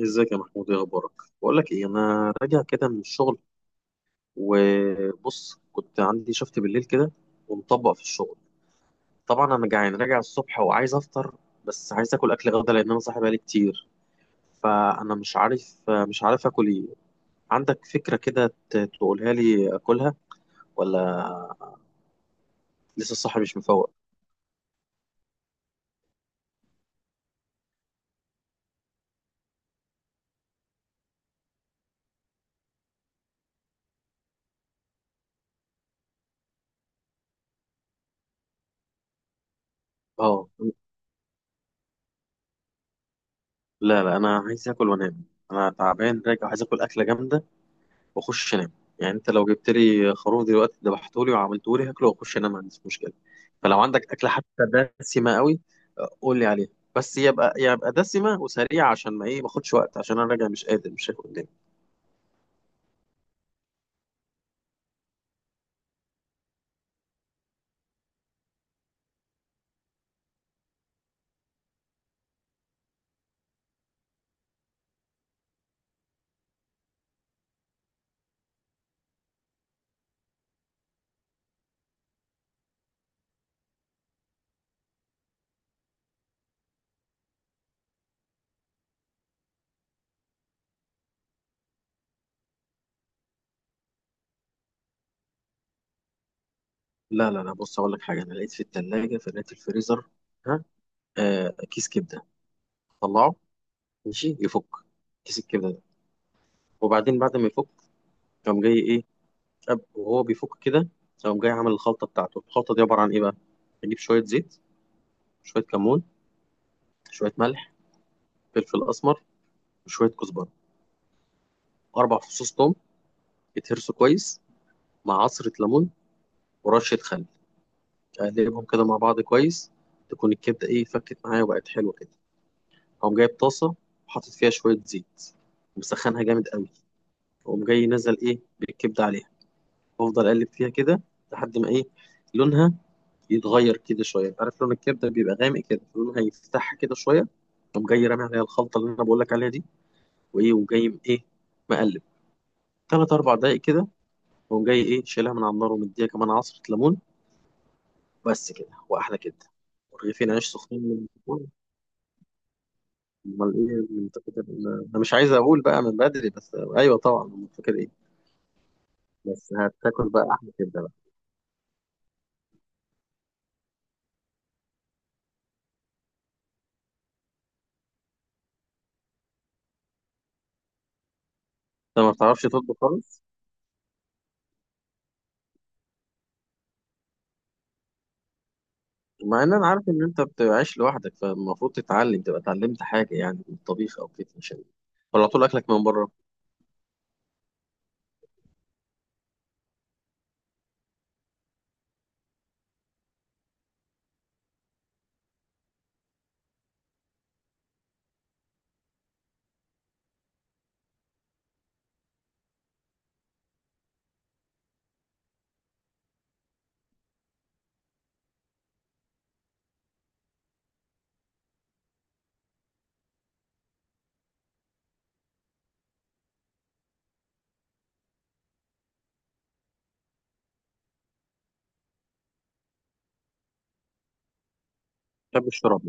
ازيك يا محمود؟ ايه اخبارك؟ بقول لك ايه، انا راجع كده من الشغل، وبص كنت عندي شفت بالليل كده، ومطبق في الشغل. طبعا انا جعان راجع الصبح وعايز افطر، بس عايز اكل غدا لان انا صاحي بقالي كتير. فانا مش عارف اكل ايه. عندك فكرة كده تقولها لي اكلها؟ ولا لسه صاحي مش مفوق؟ اه. لا لا، انا عايز اكل وانام. انا تعبان راجع، عايز اكل اكلة جامدة واخش انام. يعني انت لو جبت لي خروف دلوقتي ذبحته لي وعملته لي، هاكله واخش انام، ما عنديش مشكله. فلو عندك اكله حتى دسمه قوي، قول لي عليها. بس يبقى دسمه وسريعه عشان ما ايه، ما اخدش وقت، عشان انا راجع مش قادر، مش شايف قدامي. لا لا لا، بص اقول لك حاجه. انا لقيت في الثلاجه في لقيت في الفريزر. ها. كيس كبده، طلعه ماشي يفك. كيس الكبده ده، وبعدين بعد ما يفك، قام جاي ايه، وهو بيفك كده، قام جاي عامل الخلطه بتاعته. الخلطه دي عباره عن ايه بقى؟ اجيب شويه زيت، شويه كمون، شويه ملح، فلفل اسمر، وشويه كزبره، 4 فصوص توم يتهرسوا كويس، مع عصره ليمون ورشه خل. اقلبهم كده مع بعض كويس، تكون الكبده ايه، فكت معايا وبقت حلوه كده. اقوم جايب طاسه وحاطط فيها شويه زيت ومسخنها جامد قوي، واقوم جاي نزل ايه بالكبده عليها، وافضل اقلب فيها كده لحد ما ايه، لونها يتغير كده شويه. انت عارف لون الكبده بيبقى غامق كده، لونها يفتحها كده شويه. اقوم جاي رامي عليها الخلطه اللي انا بقول لك عليها دي، وايه وجاي ايه مقلب تلات اربع دقايق كده. قوم جاي ايه شايلها من على النار ومديها كمان عصرة ليمون. بس كده، واحلى كده ورغيفين عيش سخنين من الفرن. امال ايه، من فاكر. انا مش عايز اقول بقى من بدري بس ايوه طبعا من فاكر ايه. بس هتاكل بقى احلى كده بقى. انت ما بتعرفش تطبخ خالص؟ مع ان انا عارف ان انت بتعيش لوحدك، فالمفروض تتعلم، تبقى اتعلمت حاجه يعني من الطبيخ او كده، عشان، ولا طول اكلك من بره، ما بتحبش تشرب؟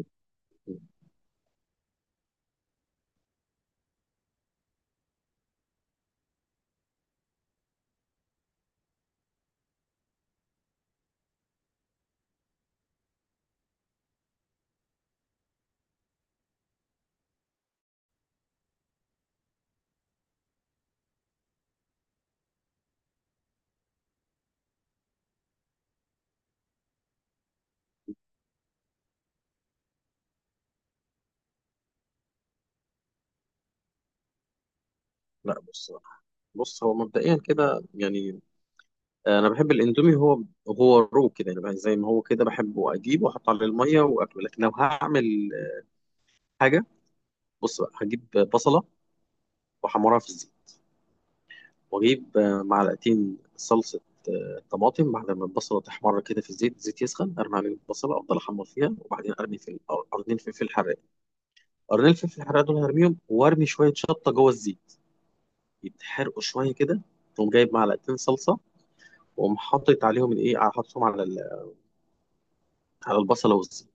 لا، بص. هو مبدئيا كده يعني، انا بحب الاندومي. هو رو كده يعني بقى، زي ما هو كده بحبه، اجيبه واحط عليه الميه واكله. لكن لو هعمل حاجه، بص بقى، هجيب بصله واحمرها في الزيت، واجيب معلقتين صلصه طماطم. بعد ما البصله تحمر كده في الزيت، الزيت يسخن ارمي عليه البصله، افضل احمر فيها وبعدين ارمي في قرنين فلفل حراق. قرنين فلفل حراق دول هرميهم، وارمي شويه شطه جوه الزيت، يتحرقوا شويه كده. تقوم جايب معلقتين صلصه واقوم حاطط عليهم الايه، حاططهم على على البصله والزيت.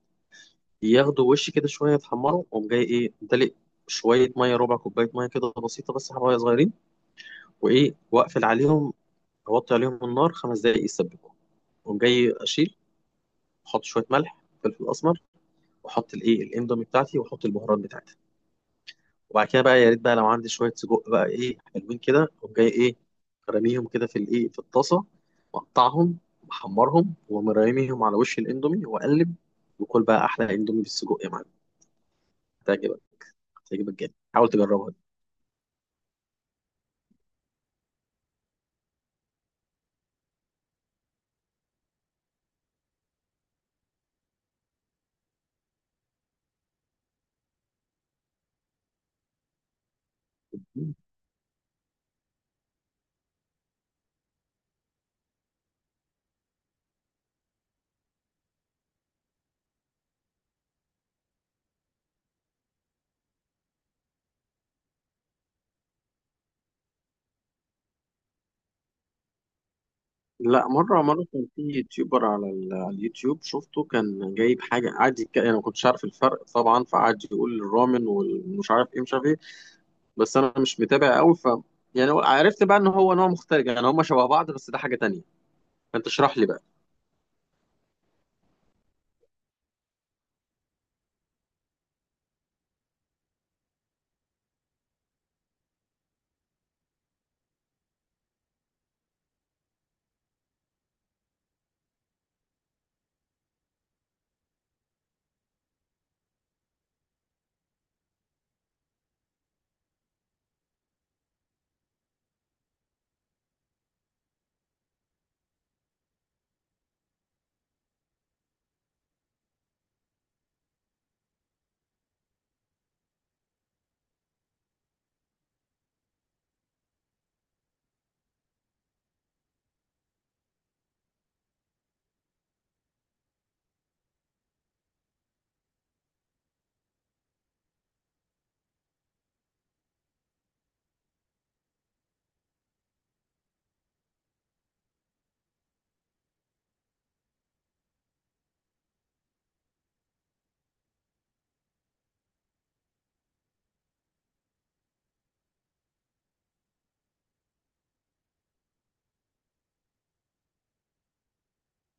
ياخدوا وش كده شويه يتحمروا، وقوم جاي ايه دلق شويه ميه، ربع كوبايه ميه كده بسيطه، بس حبايه صغيرين. وايه، واقفل عليهم، اوطي عليهم النار 5 دقائق يتسبكوا. وقوم جاي اشيل، احط شويه ملح، فلفل اسمر، واحط الايه الاندومي بتاعتي واحط البهارات بتاعتي. وبعد كده بقى، يا ريت بقى لو عندي شويه سجق بقى ايه حلوين كده، اقوم جاي ايه راميهم كده في الايه في الطاسه، مقطعهم، محمرهم ومرميهم على وش الاندومي واقلب. وكل بقى احلى اندومي بالسجق يا معلم. هتعجبك، هتعجبك جدا، حاول تجربها. لا، مرة مرة كان في يوتيوبر على على اليوتيوب شفته كان جايب حاجة، قعد أنا ما كنتش عارف الفرق طبعا، فقعد يقول الرامن والمش عارف إيه مش عارف إيه. بس أنا مش متابع قوي ف، يعني عرفت بقى إن هو نوع مختلف يعني، هما شبه بعض بس ده حاجة تانية. فأنت اشرح لي بقى.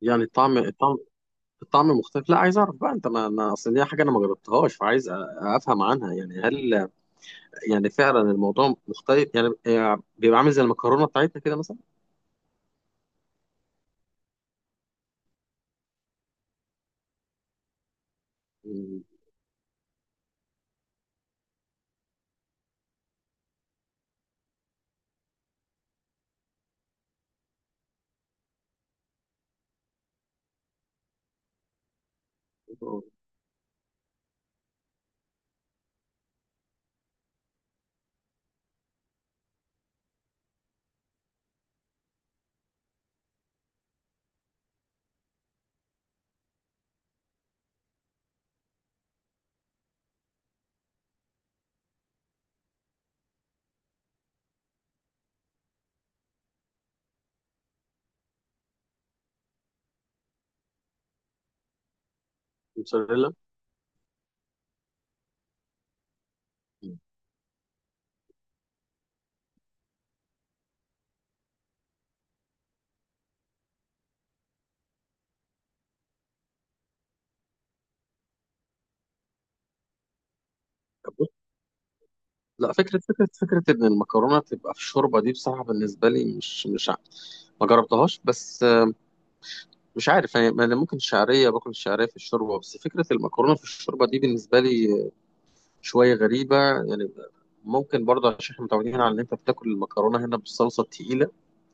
يعني الطعم، الطعم مختلف. لا عايز أعرف بقى أنت، ما أنا أصل دي حاجة أنا ما جربتهاش، فعايز أفهم عنها. يعني هل يعني فعلا الموضوع مختلف يعني، يعني بيبقى عامل زي المكرونة بتاعتنا كده مثلا؟ مم. موتزاريلا. لا، فكرة إن المكرونة تبقى في الشوربة دي، بصراحة بالنسبة لي مش ما جربتهاش، بس مش عارف يعني، ما أنا ممكن الشعرية، باكل الشعرية في الشوربة، بس فكرة المكرونة في الشوربة دي بالنسبة لي شوية غريبة يعني. ممكن برضه عشان احنا متعودين على إن أنت بتاكل المكرونة هنا بالصلصة التقيلة،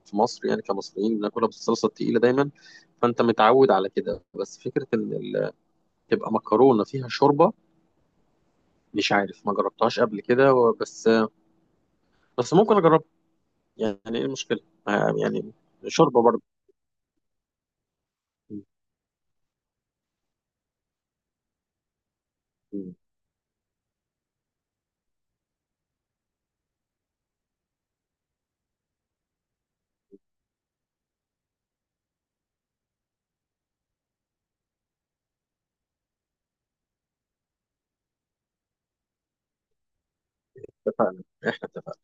في مصر يعني كمصريين بناكلها بالصلصة التقيلة دايما، فأنت متعود على كده. بس فكرة إن تبقى مكرونة فيها شوربة، مش عارف، ما جربتهاش قبل كده بس، بس ممكن أجربها. يعني ايه المشكلة؟ يعني شوربة برضه. اتفقنا، احنا اتفقنا.